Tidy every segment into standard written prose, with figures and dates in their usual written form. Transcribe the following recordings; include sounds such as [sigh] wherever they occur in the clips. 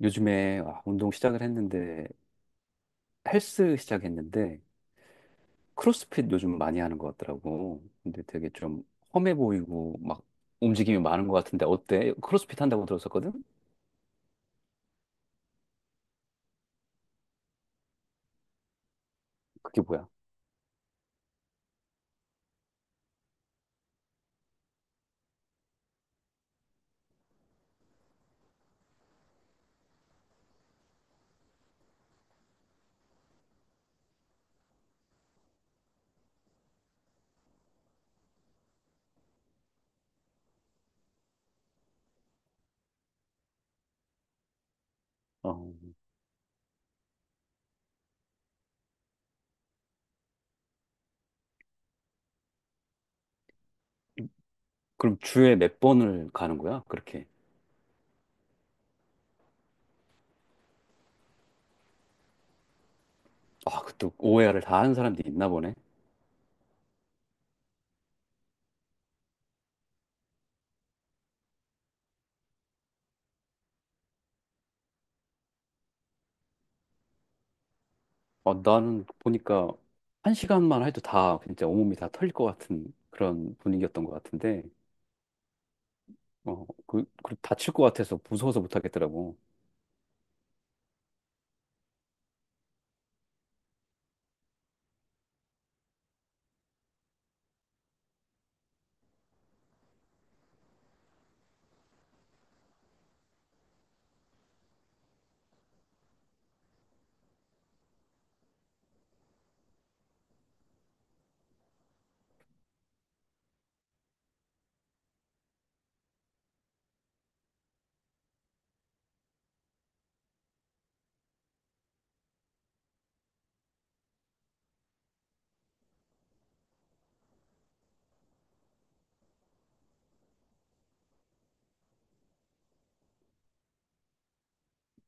요즘에 운동 시작을 했는데 헬스 시작했는데 크로스핏 요즘 많이 하는 것 같더라고. 근데 되게 좀 험해 보이고 막 움직임이 많은 것 같은데 어때? 크로스핏 한다고 들었었거든? 그게 뭐야? 어, 그럼 주에 몇 번을 가는 거야? 그렇게. 아, 그것도 o 해 r 을 다 하는 사람들이 있나 보네. 아, 나는 보니까 한 시간만 해도 다 진짜 온몸이 다 털릴 것 같은 그런 분위기였던 것 같은데 그 다칠 것 같아서 무서워서 못 하겠더라고.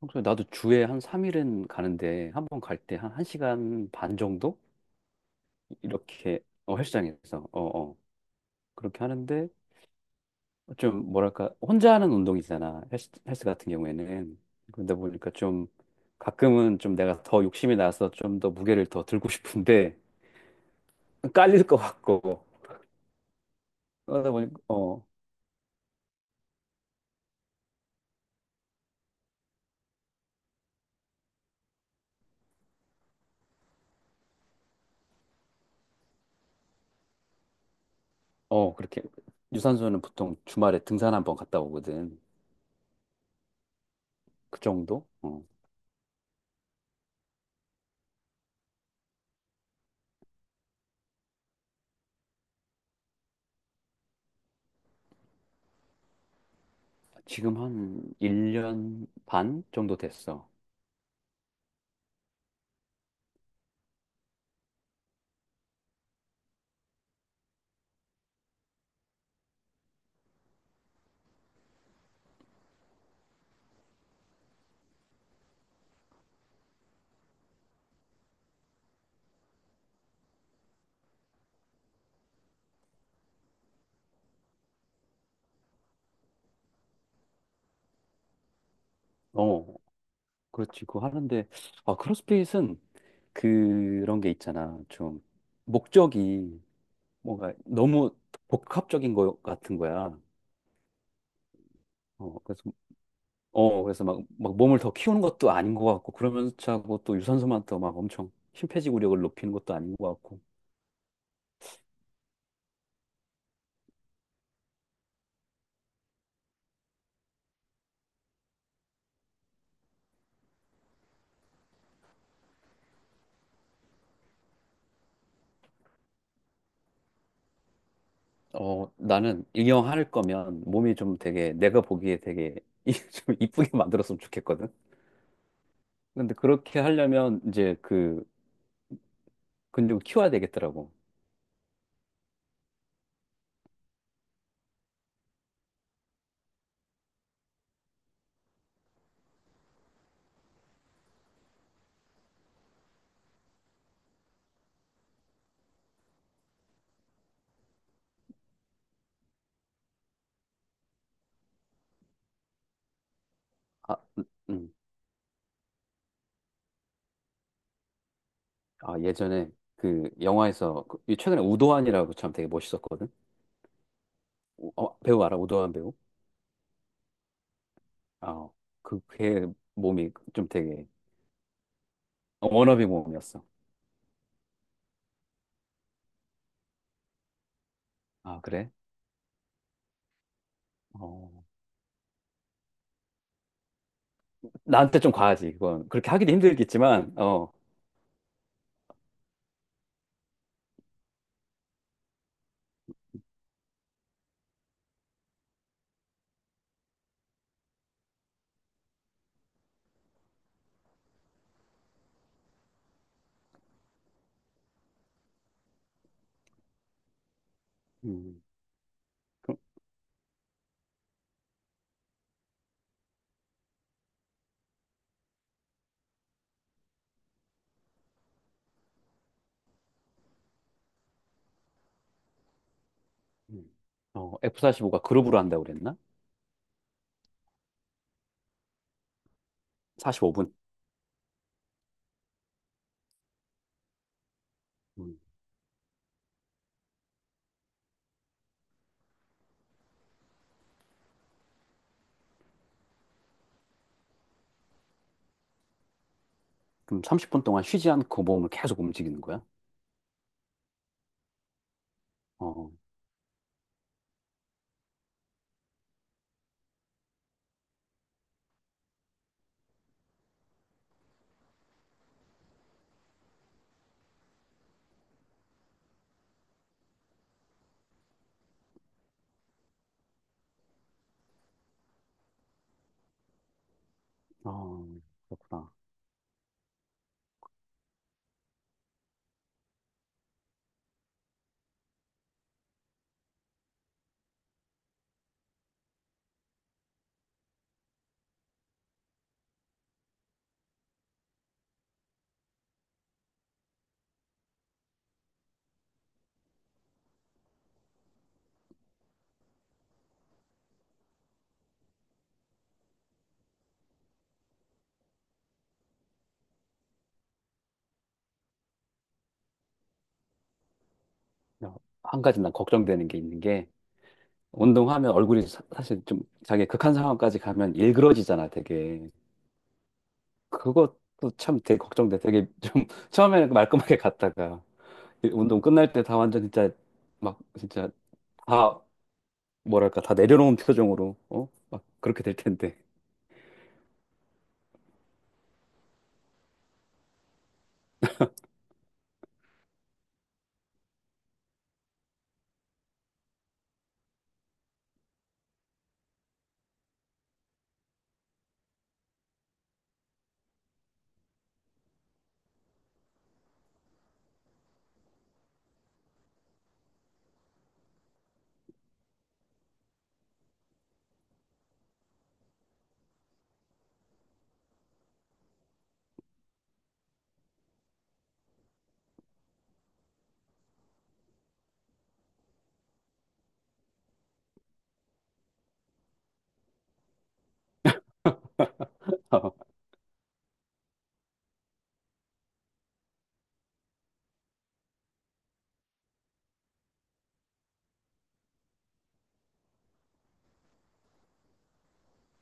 평소에 나도 주에 한 3일은 가는데 한 번 갈 때 한 1시간 반 정도 이렇게 어, 헬스장에서 어, 어. 그렇게 하는데 좀 뭐랄까 혼자 하는 운동이잖아. 헬스 같은 경우에는. 그러다 보니까 좀 가끔은 좀 내가 더 욕심이 나서 좀 더 무게를 더 들고 싶은데 [laughs] 깔릴 것 같고 그러다 보니까 어, 어 그렇게 유산소는 보통 주말에 등산 한번 갔다 오거든. 그 정도? 어. 지금 한 1년 반 정도 됐어. 어, 그렇지. 그거 하는데, 아, 크로스핏은 그런 게 있잖아. 좀, 목적이 뭔가 너무 복합적인 것 같은 거야. 어, 그래서, 어, 그래서 막, 막 몸을 더 키우는 것도 아닌 것 같고, 그러면서 하고 또 유산소만 더 막 엄청 심폐지구력을 높이는 것도 아닌 것 같고. 어, 나는 이왕 할 거면 몸이 좀 되게, 내가 보기에 되게 [laughs] 좀 이쁘게 만들었으면 좋겠거든. 근데 그렇게 하려면 이제 그 근육을 키워야 되겠더라고. 아, 음. 아, 예전에 그 영화에서 이 최근에 우도환이라고 참 되게 멋있었거든. 어, 배우 알아? 우도환 배우? 아, 그, 걔 몸이 좀 되게 어, 워너비 몸이었어. 아, 그래? 어. 나한테 좀 과하지, 그건. 그렇게 하기도 힘들겠지만, 어. 음, 그, 음. 어, F45가 그룹으로 한다고 그랬나? 45분? 음. 그럼 30분 동안 쉬지 않고 몸을 계속 움직이는 거야? 어, 어, 그렇구나. 야, 한 가지 난 걱정되는 게 있는 게, 운동하면 얼굴이 사, 실좀 자기 극한 상황까지 가면 일그러지잖아, 되게. 그것도 참 되게 걱정돼. 되게 좀 [laughs] 처음에는 그 말끔하게 갔다가 운동 끝날 때 다 완전 진짜 막 진짜 다 뭐랄까 다 내려놓은 표정으로 어? 막 그렇게 될 텐데. [laughs]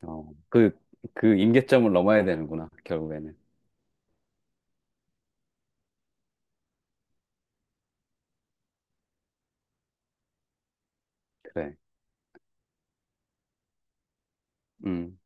어, 그, 그 임계점을 넘어야 되는구나, 결국에는. 그래. 음.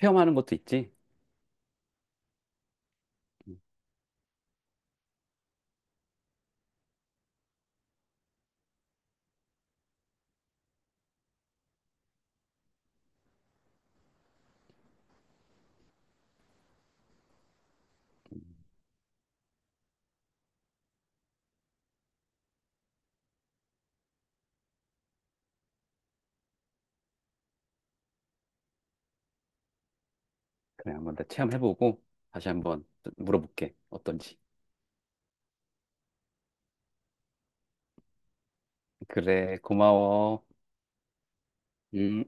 체험하는 것도 있지? 그래, 한번 더 체험해보고 다시 한번 물어볼게. 어떤지. 그래, 고마워. 음.